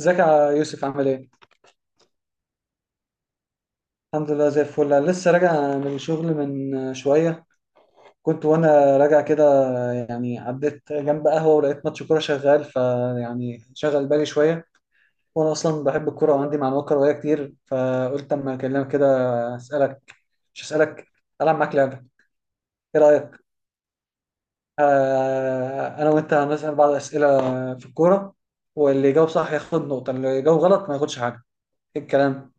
ازيك يا يوسف عامل ايه؟ الحمد لله زي الفل، أنا لسه راجع من الشغل من شوية. كنت وانا راجع كده، يعني عديت جنب قهوة ولقيت ماتش كورة شغال، شغل بالي شوية. وانا اصلا بحب الكورة وعندي معلومات كروية كتير، فقلت اما اكلمك كده. اسألك، مش اسألك، العب معاك لعبة. ايه رأيك؟ آه، انا وانت هنسأل بعض اسئلة في الكورة، واللي يجاوب صح ياخد نقطة، اللي يجاوب غلط ما ياخدش حاجة. ايه الكلام؟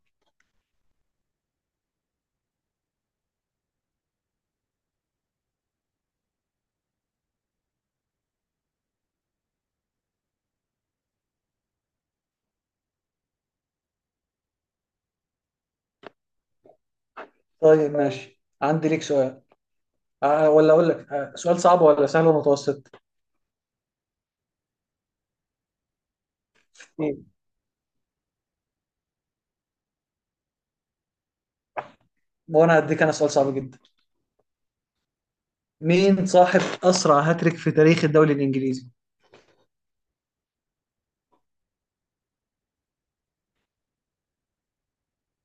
طيب ماشي، عندي ليك سؤال. ولا اقول لك، سؤال صعب ولا سهل ومتوسط. مم. وانا هديك انا سؤال صعب جدا. مين صاحب اسرع هاتريك في تاريخ الدوري الانجليزي؟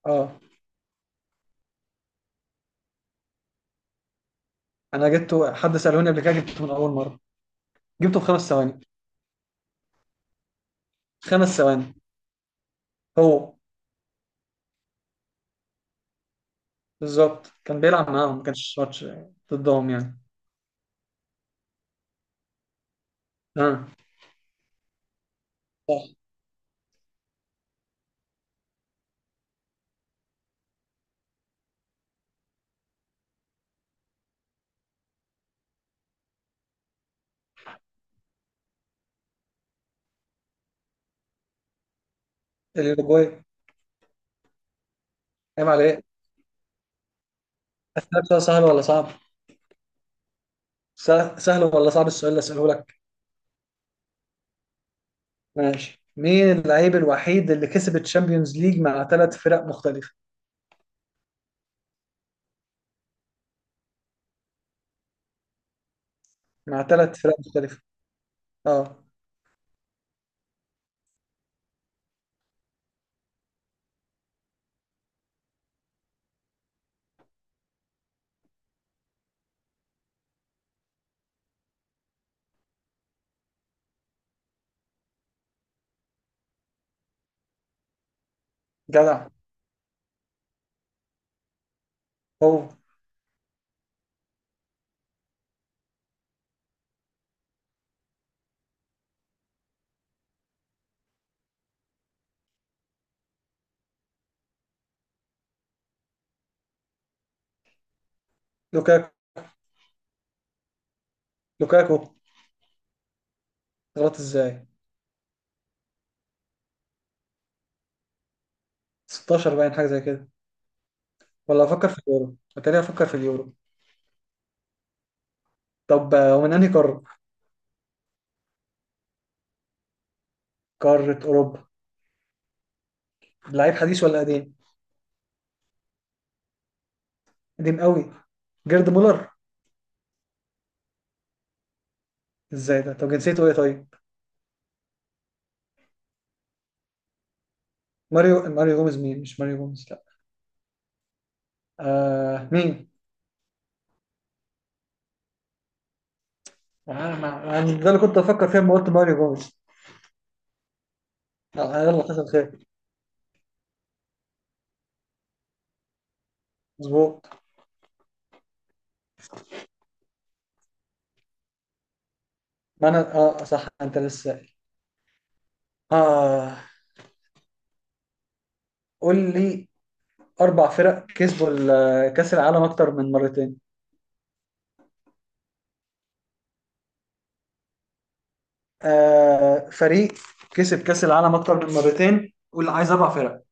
اه، انا جبته، حد سالوني قبل كده، جبته من اول مره، جبته في خمس ثواني. خمس ثواني، هو. بالظبط، كان بيلعب معاهم، ما كانش ماتش ضدهم يعني. اه، صح. الاوروجواي. عيب عليك. اسالك سؤال سهل ولا صعب؟ سهل سهل ولا صعب السؤال اللي اساله لك؟ ماشي، مين اللعيب الوحيد اللي كسب الشامبيونز ليج مع ثلاث فرق مختلفه؟ مع ثلاث فرق مختلفه، اه. جدع، هو. لوكاكو. لوكاكو. غلط ازاي؟ 16 باين، حاجه زي كده. ولا افكر في اليورو، اتاري افكر في اليورو. طب، ومن انهي قاره؟ قاره اوروبا. لعيب حديث ولا قديم؟ قديم قوي. جيرد مولر. ازاي ده؟ طب جنسيته ايه طيب؟ ماريو، جوميز. مين؟ مش ماريو جوميز، لا. آه، مين؟ آه ما... أنا ده اللي كنت افكر فيه لما قلت ماريو جوميز. آه، يلا، حصل خير. مظبوط. ما انا، اه صح، انت لسه سائل. اه، قول لي. أربع فرق كسبوا كأس العالم أكتر من مرتين. فريق كسب كأس العالم أكتر من مرتين، قول، عايز أربع فرق.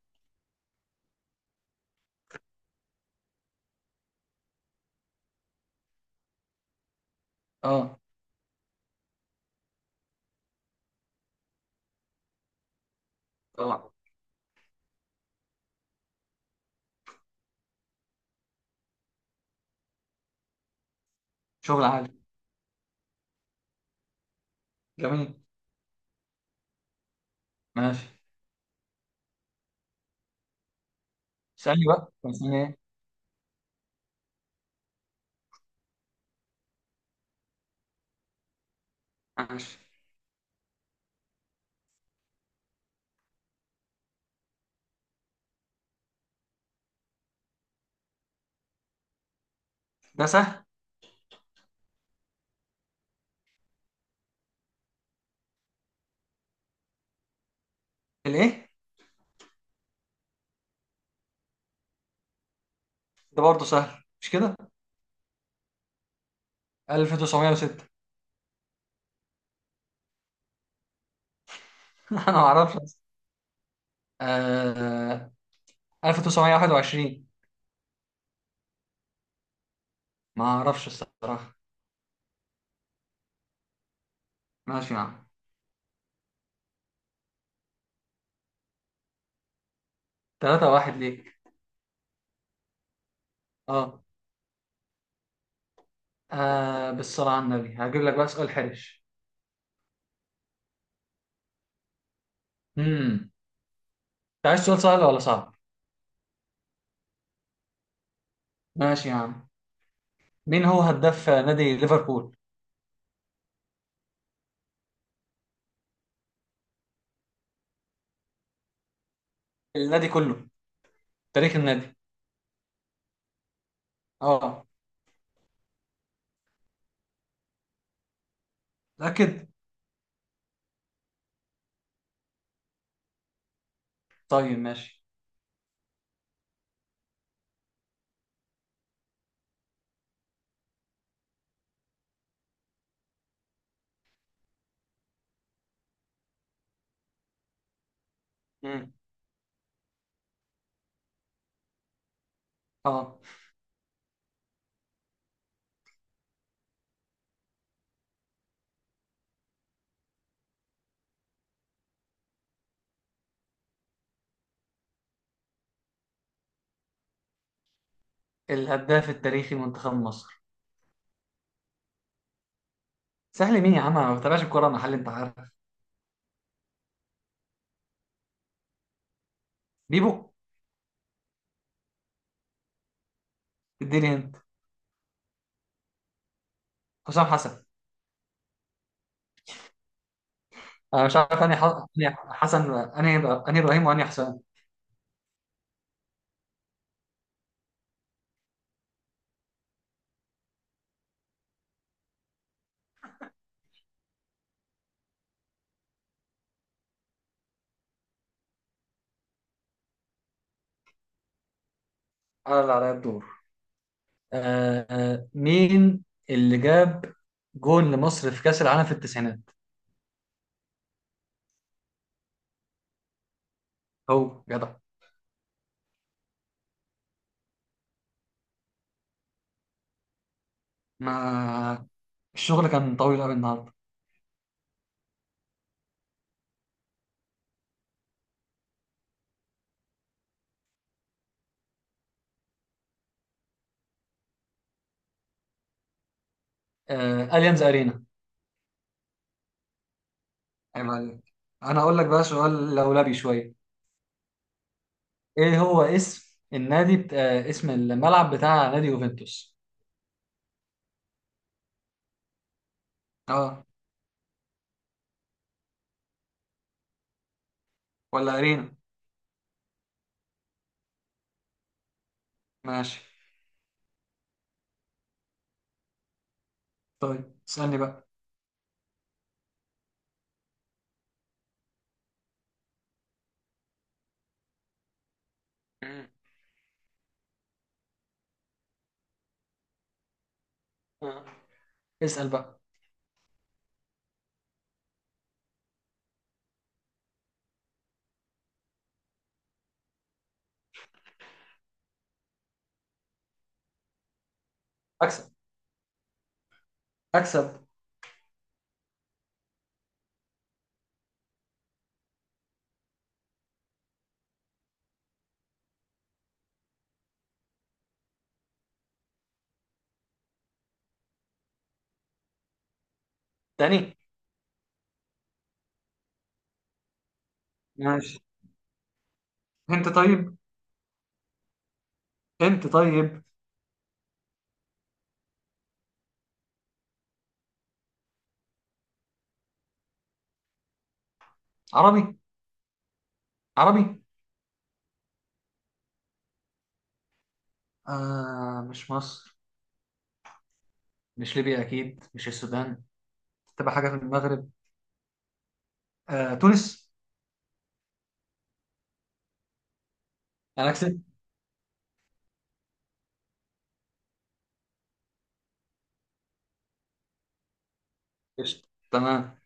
أه. طبعا. شغل عالي. جميل. ماشي، اسألني بقى. طب اسألني إيه؟ ماشي. ده سهل. الإيه؟ ده برضه سهل، مش كده؟ 1906. أنا ما أعرفش أصلاً. آه، 1921. ما أعرفش الصراحة. ماشي يا عم. 3-1 ليك. أه. بالصلاة على النبي، هجيب لك بقى سؤال حرش. امم انت عايز سؤال سهل ولا صعب؟ ماشي يا عم، مين هو هداف نادي ليفربول؟ النادي كله، تاريخ النادي. اه. متأكد؟ طيب ماشي. مم. اه. الهداف التاريخي لمنتخب مصر. سهل مين يا عم، انا ما بتابعش الكورة، انا حل انت عارف. بيبو. اديني انت. حسام حسن. انا مش عارف انهي انهي حسن، انهي، انهي ابراهيم وانهي حسام. انا اللي عليا الدور. آه، مين اللي جاب جون لمصر في كأس العالم في التسعينات؟ هو جدع. ما الشغل كان طويل قوي النهارده. آه، أليانز أرينا. عيب عليك. انا هقول لك بقى سؤال لولبي شويه. إيه هو اسم النادي بت... آه، اسم الملعب بتاع نادي يوفنتوس؟ اه. ولا ارينا؟ ماشي. طيب اسالني بقى. مم. آه. اسأل بقى. أكسب. اكسب. تاني. ماشي. انت طيب. انت طيب. عربي. عربي. آه، مش مصر، مش ليبيا أكيد، مش السودان. تبقى حاجه في المغرب. آه، تونس. أنا أكسب. قشطة. تمام.